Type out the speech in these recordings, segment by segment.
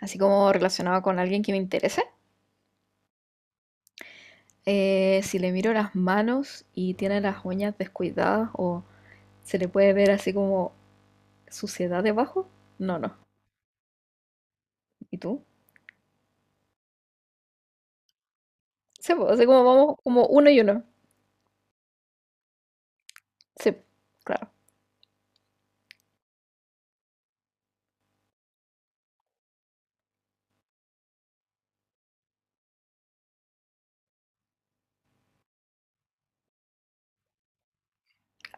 Así como relacionado con alguien que me interese, si le miro las manos y tiene las uñas descuidadas o se le puede ver así como suciedad debajo, no, no. ¿Y tú? Sí, pues, así como vamos como uno y uno. Sí, claro.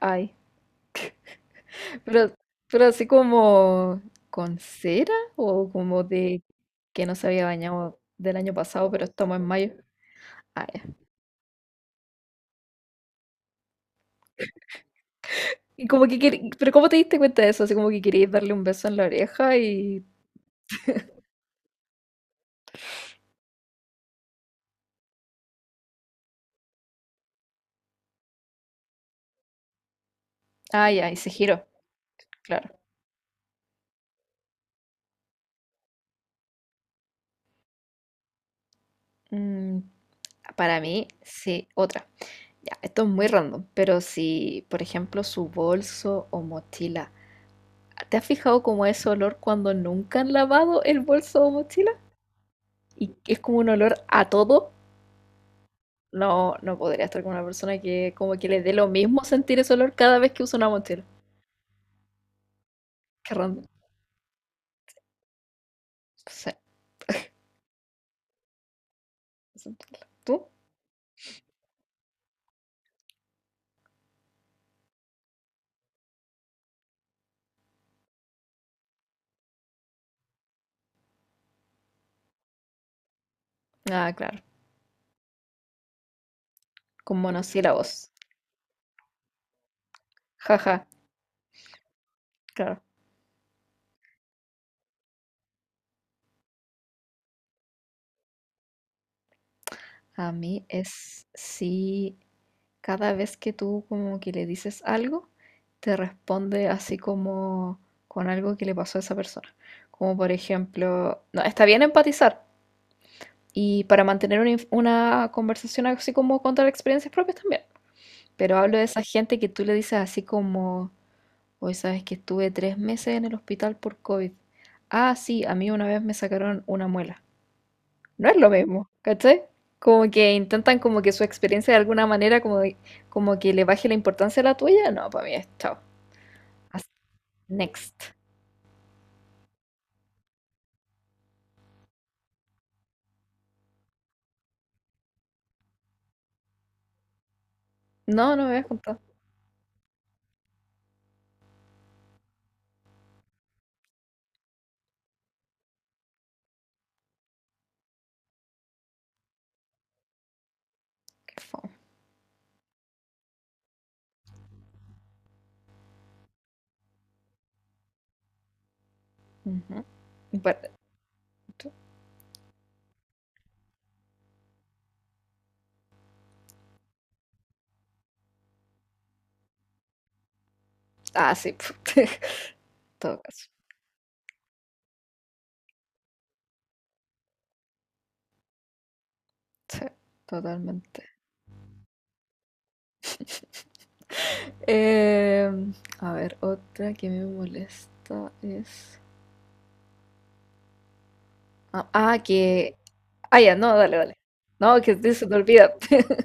Ay, pero, pero así como con cera o como de que no se había bañado del año pasado, pero estamos en mayo. Ah, ya. Y como que quer- pero ¿cómo te diste cuenta de eso? Así como que querías darle un beso en la oreja y... Ay, ay, se giró. Claro. Mm, para mí, sí, otra. Ya, esto es muy random, pero si, por ejemplo, su bolso o mochila, ¿te has fijado como ese olor cuando nunca han lavado el bolso o mochila? Y que es como un olor a todo. No, no podría estar con una persona que como que le dé lo mismo sentir ese olor cada vez que usa una mochila. Qué random. Sí. ¿Tú? Ah, claro. Con monosílabos. Jaja, claro. A mí es sí. Cada vez que tú como que le dices algo, te responde así como con algo que le pasó a esa persona. Como por ejemplo, no, está bien empatizar y para mantener una conversación así como contar experiencias propias también. Pero hablo de esa gente que tú le dices así como, hoy sabes que estuve 3 meses en el hospital por COVID. Ah, sí, a mí una vez me sacaron una muela no es lo mismo, ¿cachai? Como que intentan como que su experiencia de alguna manera como que le baje la importancia a la tuya. No, para mí es chao. As- Next. No, no me habías contado. Qué fome. Ujú. Bueno, tú- ah, sí. Todo caso. Sí, totalmente. Em, a ver, otra que me molesta es... Ah, ah, que... Ah, ya, no, dale, dale. No, que se te olvida.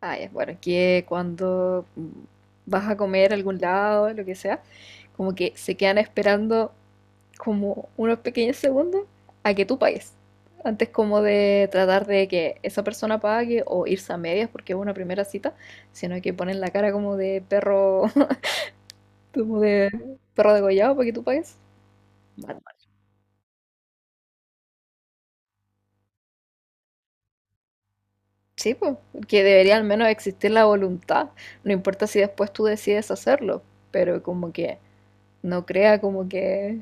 Ah, ya, bueno, que cuando vas a comer a algún lado, lo que sea, como que se quedan esperando como unos pequeños segundos a que tú pagues. Antes como de tratar de que esa persona pague o irse a medias porque es una primera cita, sino que ponen la cara como de perro, como de perro degollado para que tú pagues. Mal, mal. Sí, pues, que debería al menos existir la voluntad, no importa si después tú decides hacerlo, pero como que no crea como que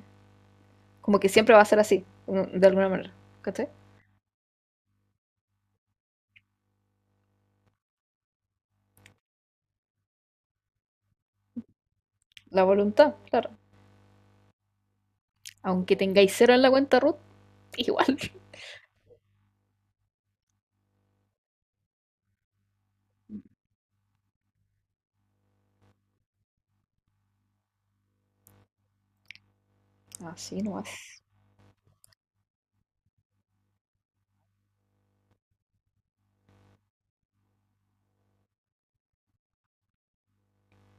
como que siempre va a ser así, ¿no? De alguna manera. ¿Cachai? La voluntad, claro. Aunque tengáis cero en la cuenta root, igual. Así nomás.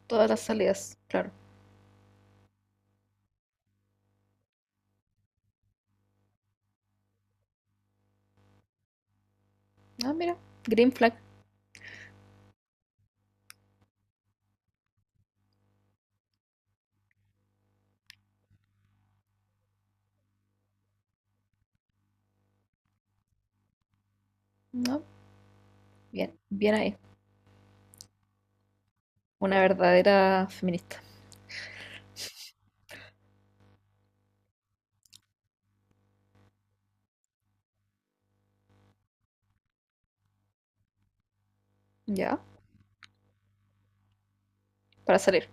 Todas las salidas, claro. Ah, mira. Green flag. No, bien, bien ahí. Una verdadera feminista. Ya, para salir.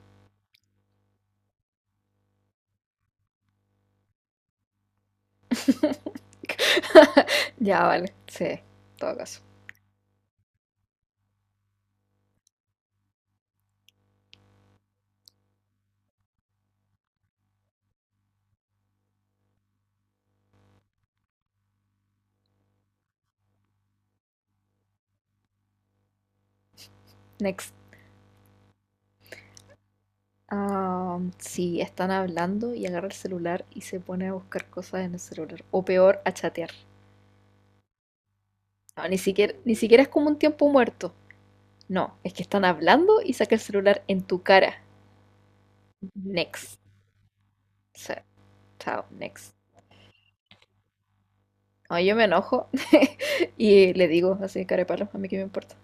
Ya, vale. Sí, en todo caso. Next. Sí, están hablando y agarra el celular y se pone a buscar cosas en el celular. O peor, a chatear. No, ni siquiera, ni siquiera es como un tiempo muerto. No, es que están hablando y saca el celular en tu cara. Next. O sea, chao, next. No, yo me enojo y le digo así, cara de palo, a mí qué me importa.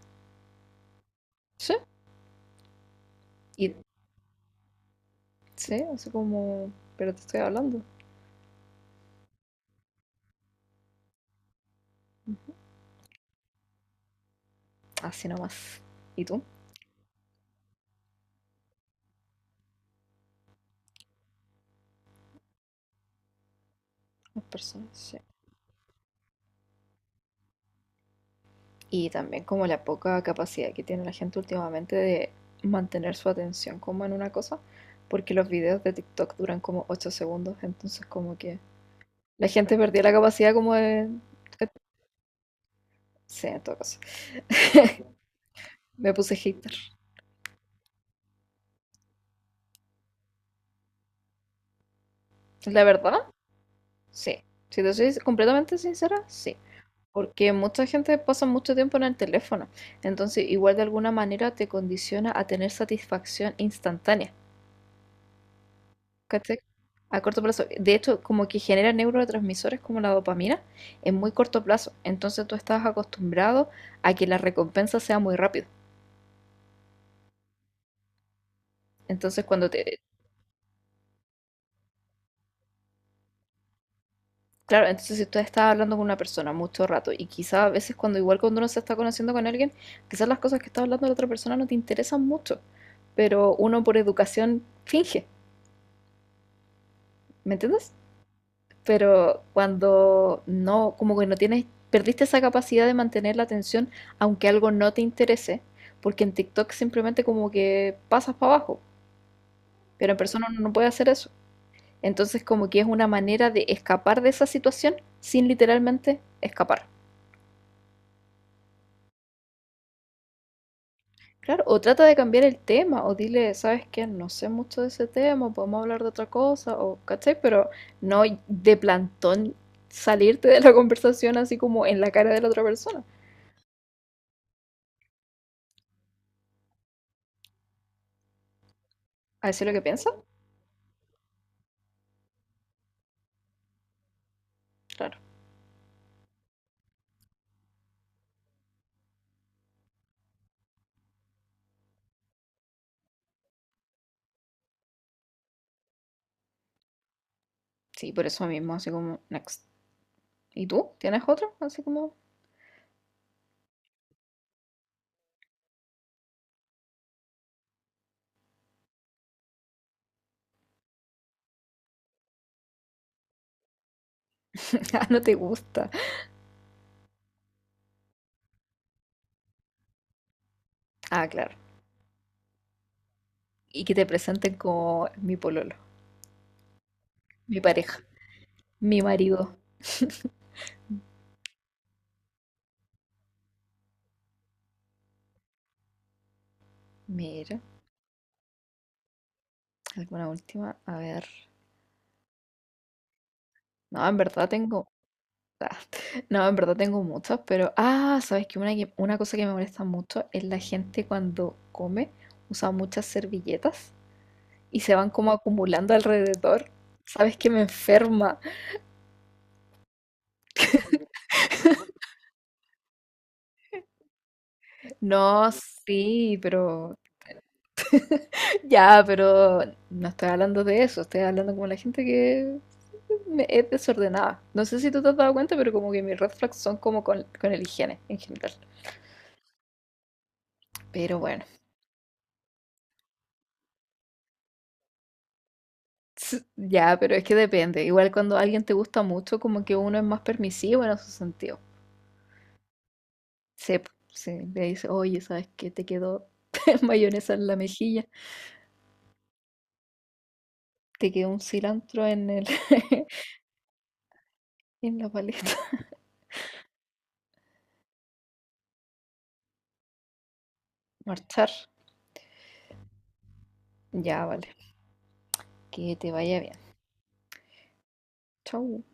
Sí, y sí, así como, pero te estoy hablando. Así nomás. ¿Y tú? Las personas, sí. Y también como la poca capacidad que tiene la gente últimamente de mantener su atención como en una cosa, porque los videos de TikTok duran como 8 segundos, entonces como que la gente perdió la capacidad como de... Sí, en todo caso. Me puse hater. La verdad, sí. Si te soy completamente sincera, sí. Porque mucha gente pasa mucho tiempo en el teléfono. Entonces, igual de alguna manera te condiciona a tener satisfacción instantánea. ¿Cachai? A corto plazo. De hecho, como que genera neurotransmisores como la dopamina en muy corto plazo. Entonces tú estás acostumbrado a que la recompensa sea muy rápido. Entonces cuando te claro, entonces si tú estás hablando con una persona mucho rato y quizás a veces cuando igual cuando uno se está conociendo con alguien, quizás las cosas que está hablando la otra persona no te interesan mucho, pero uno por educación finge, ¿me entiendes? Pero cuando no, como que no tienes, perdiste esa capacidad de mantener la atención aunque algo no te interese, porque en TikTok simplemente como que pasas para abajo, pero en persona uno no puede hacer eso. Entonces como que es una manera de escapar de esa situación sin literalmente escapar. Claro, o trata de cambiar el tema, o dile, ¿sabes qué? No sé mucho de ese tema, podemos hablar de otra cosa, o, ¿cachai? Pero no de plantón salirte de la conversación así como en la cara de la otra persona. ¿A decir lo que piensa? Claro. Sí, por eso mismo, así como, next. ¿Y tú? ¿Tienes otro? Así como, ah, no te gusta. Ah, claro. Y que te presenten como mi pololo, mi pareja, mi marido. Mira, alguna última, a ver. No, en verdad tengo Ah, No, en verdad tengo muchas, pero sabes que una cosa que me molesta mucho es la gente cuando come usa muchas servilletas y se van como acumulando alrededor. Sabes que me enferma. No, sí, pero ya, pero no estoy hablando de eso, estoy hablando como la gente que es desordenada. No sé si tú te has dado cuenta, pero como que mis red flags son como con, el higiene en general. Pero bueno. Ya, pero es que depende. Igual cuando alguien te gusta mucho, como que uno es más permisivo en ese sentido. Sí, po, sí, le dice, oye, ¿sabes qué? Te quedó mayonesa en la mejilla, te quedó un cilantro en el, en la paleta. Marchar. Ya, vale. Que te vaya bien. Chau.